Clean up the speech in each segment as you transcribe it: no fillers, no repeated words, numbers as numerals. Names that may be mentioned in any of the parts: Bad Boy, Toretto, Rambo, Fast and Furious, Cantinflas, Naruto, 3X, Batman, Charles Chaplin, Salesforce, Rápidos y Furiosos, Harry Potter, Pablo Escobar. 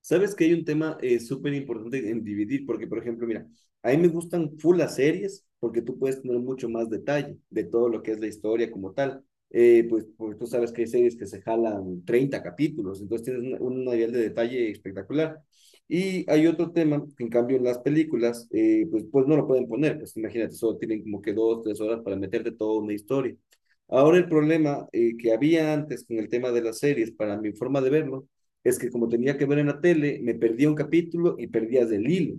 Sabes que hay un tema súper importante en dividir, porque, por ejemplo, mira, a mí me gustan full las series porque tú puedes tener mucho más detalle de todo lo que es la historia como tal. Pues, porque tú sabes que hay series que se jalan 30 capítulos, entonces tienes un nivel de detalle espectacular. Y hay otro tema que, en cambio, en las películas, pues no lo pueden poner, pues imagínate, solo tienen como que dos, tres horas para meterte toda una historia. Ahora el problema que había antes con el tema de las series, para mi forma de verlo, es que como tenía que ver en la tele, me perdía un capítulo y perdías el hilo.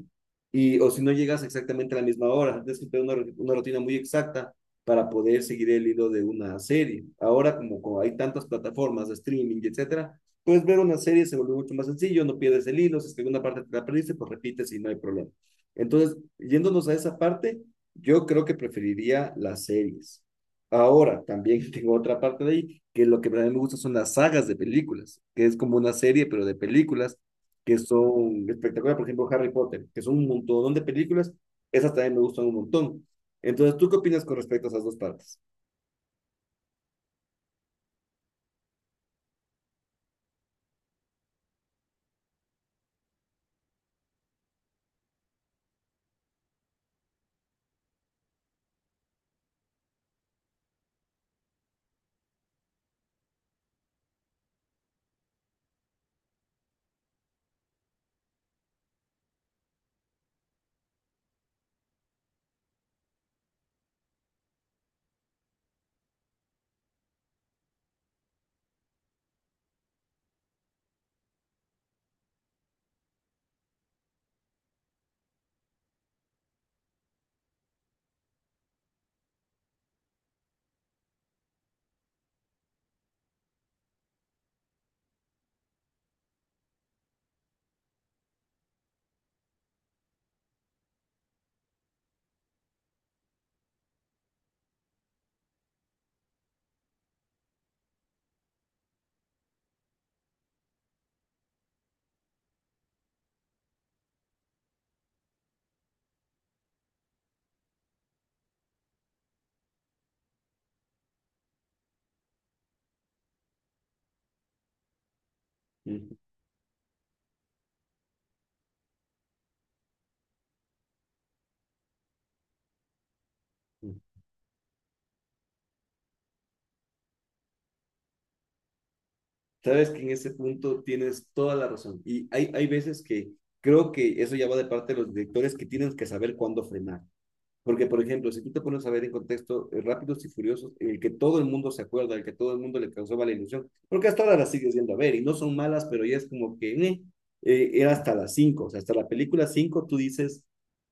Y, o si no llegas exactamente a la misma hora, tienes que tener una rutina muy exacta para poder seguir el hilo de una serie. Ahora, como hay tantas plataformas de streaming, etcétera, puedes ver una serie, se vuelve mucho más sencillo, no pierdes el hilo, si es que alguna parte te la perdiste, pues repites y no hay problema. Entonces, yéndonos a esa parte, yo creo que preferiría las series. Ahora, también tengo otra parte de ahí, que lo que a mí me gusta son las sagas de películas, que es como una serie, pero de películas que son espectaculares. Por ejemplo, Harry Potter, que son un montón de películas, esas también me gustan un montón. Entonces, ¿tú qué opinas con respecto a esas dos partes? Ujú. Ujú. Sabes que en ese punto tienes toda la razón. Y hay veces que creo que eso ya va de parte de los directores que tienen que saber cuándo frenar. Porque, por ejemplo, si tú te pones a ver en contexto Rápidos y Furiosos, el que todo el mundo se acuerda, el que todo el mundo le causó mala ilusión, porque hasta ahora las sigues viendo a ver y no son malas, pero ya es como que era hasta las cinco, o sea, hasta la película 5 tú dices,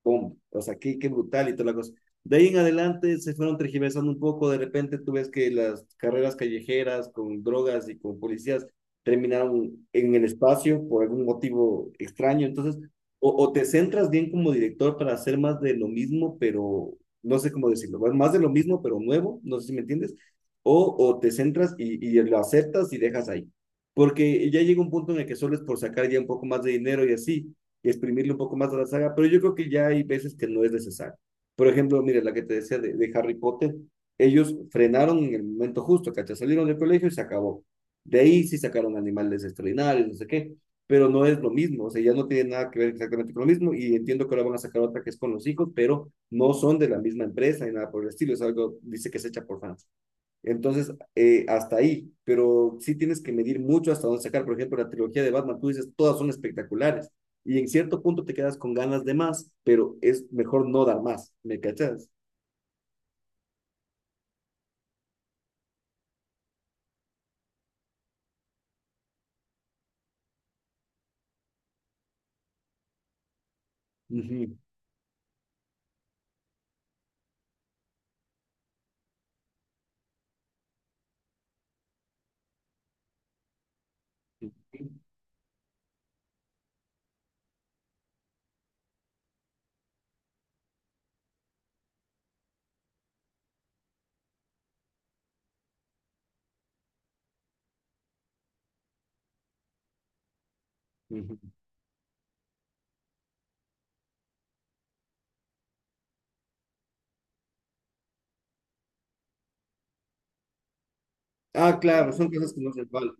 ¡pum! O sea, qué, qué brutal y toda la cosa. De ahí en adelante se fueron tergiversando un poco, de repente tú ves que las carreras callejeras con drogas y con policías terminaron en el espacio por algún motivo extraño, entonces o te centras bien como director para hacer más de lo mismo, pero no sé cómo decirlo, más de lo mismo, pero nuevo, no sé si me entiendes, o te centras y lo aceptas y dejas ahí. Porque ya llega un punto en el que solo es por sacar ya un poco más de dinero y así, y exprimirle un poco más a la saga, pero yo creo que ya hay veces que no es necesario. Por ejemplo, mire, la que te decía de Harry Potter, ellos frenaron en el momento justo, ¿cachai? Salieron del colegio y se acabó. De ahí sí sacaron animales extraordinarios, no sé qué, pero no es lo mismo, o sea, ya no tiene nada que ver exactamente con lo mismo y entiendo que ahora van a sacar otra que es con los hijos, pero no son de la misma empresa ni nada por el estilo, es algo, dice que es hecha por fans. Entonces, hasta ahí, pero sí tienes que medir mucho hasta dónde sacar, por ejemplo, la trilogía de Batman, tú dices, todas son espectaculares y en cierto punto te quedas con ganas de más, pero es mejor no dar más, ¿me cachas? Ujú, ujú, ujú. Ah, claro, son cosas que no se valen.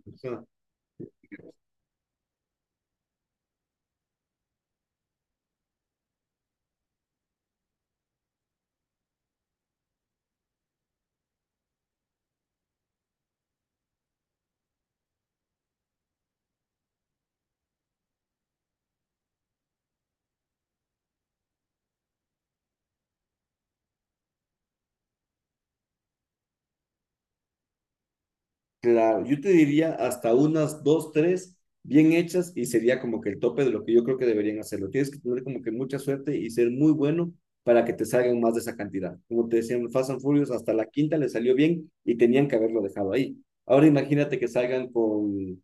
Claro, yo te diría hasta unas dos, tres bien hechas y sería como que el tope de lo que yo creo que deberían hacerlo. Tienes que tener como que mucha suerte y ser muy bueno para que te salgan más de esa cantidad. Como te decían, Fast and Furious hasta la quinta le salió bien y tenían que haberlo dejado ahí. Ahora imagínate que salgan con,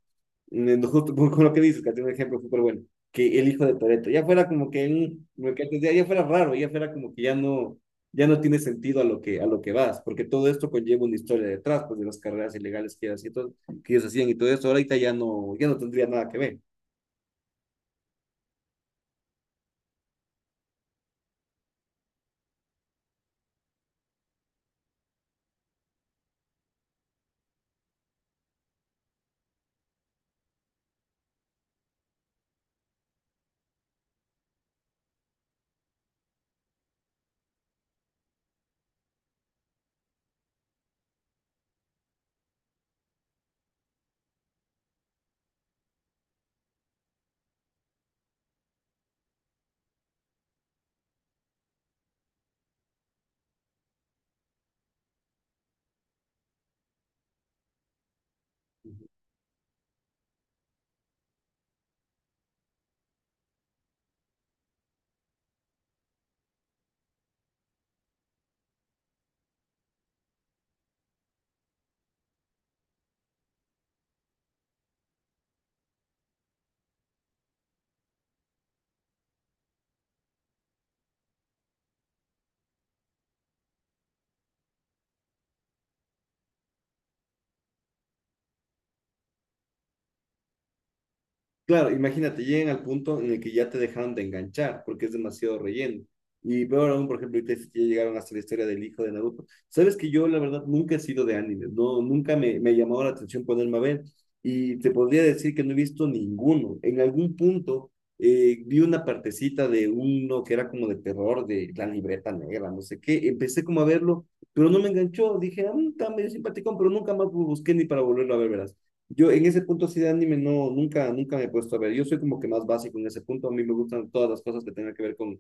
justo con lo que dices, que tiene un ejemplo súper bueno, que el hijo de Toretto ya fuera como que un, como que antes ya fuera raro, ya fuera como que ya no tiene sentido a lo que vas, porque todo esto conlleva una historia detrás, pues de las carreras ilegales que, que ellos hacían y todo esto ahorita ya no, ya no tendría nada que ver. Claro, imagínate, llegan al punto en el que ya te dejaron de enganchar porque es demasiado relleno. Y peor aún, por ejemplo, ahorita sí que ya llegaron hasta la historia del hijo de Naruto. Sabes que yo, la verdad, nunca he sido de anime, no, nunca me ha llamado la atención ponerme a ver. Y te podría decir que no he visto ninguno. En algún punto vi una partecita de uno que era como de terror, de la libreta negra, no sé qué. Empecé como a verlo, pero no me enganchó. Dije, ah, está medio simpaticón, pero nunca más busqué ni para volverlo a ver, verás. Yo en ese punto sí de anime no, nunca, nunca me he puesto a ver. Yo soy como que más básico en ese punto. A mí me gustan todas las cosas que tengan que ver con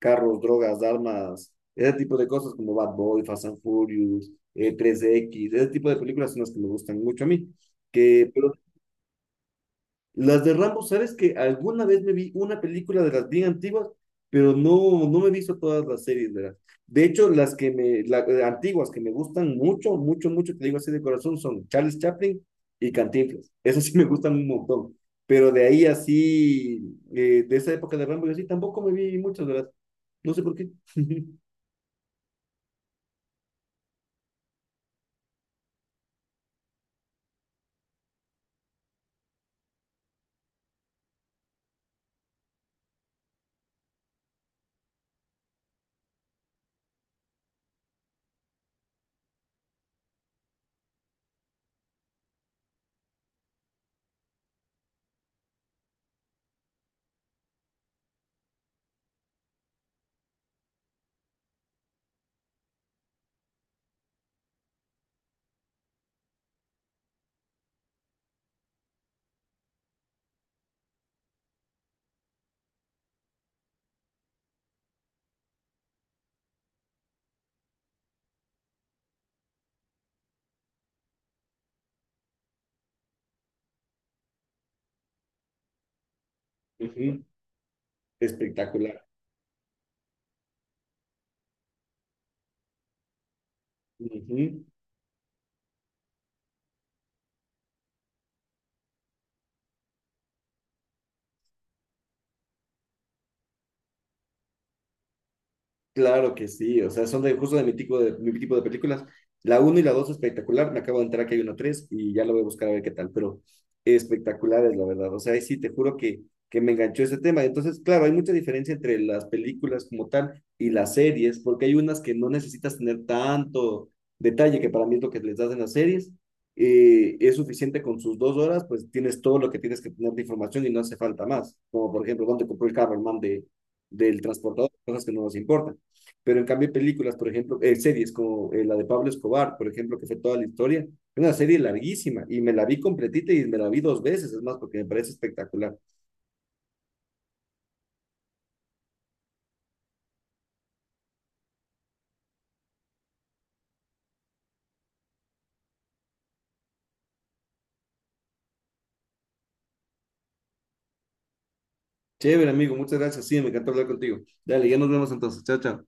carros, drogas, armas, ese tipo de cosas como Bad Boy, Fast and Furious, 3X, ese tipo de películas son las que me gustan mucho a mí. Que, pero las de Rambo, ¿sabes que alguna vez me vi una película de las bien antiguas, pero no, no me he visto todas las series, ¿verdad? De hecho, las que antiguas que me gustan mucho, mucho, mucho, te digo así de corazón, son Charles Chaplin y Cantinflas. Esas sí me gustan un montón. Pero de ahí así, de esa época de Rambo, yo sí tampoco me vi muchas, ¿verdad? No sé por qué. Ujú. Espectacular. Ujú. Claro que sí, o sea, son de, justo de mi tipo de, mi tipo de películas. La uno y la 2 espectacular, me acabo de enterar que hay una 3 y ya lo voy a buscar a ver qué tal, pero espectacular es la verdad, o sea, ahí sí te juro que me enganchó ese tema. Entonces, claro, hay mucha diferencia entre las películas como tal y las series, porque hay unas que no necesitas tener tanto detalle, que para mí es lo que les das en las series, es suficiente con sus 2 horas, pues tienes todo lo que tienes que tener de información y no hace falta más, como por ejemplo, dónde compró el carro el man del transportador, cosas que no nos importan. Pero en cambio, películas, por ejemplo, series como la de Pablo Escobar, por ejemplo, que fue toda la historia, es una serie larguísima y me la vi completita y me la vi 2 veces, es más, porque me parece espectacular. Chévere, amigo, muchas gracias. Sí, me encantó hablar contigo. Dale, ya nos vemos entonces. Chao, chao.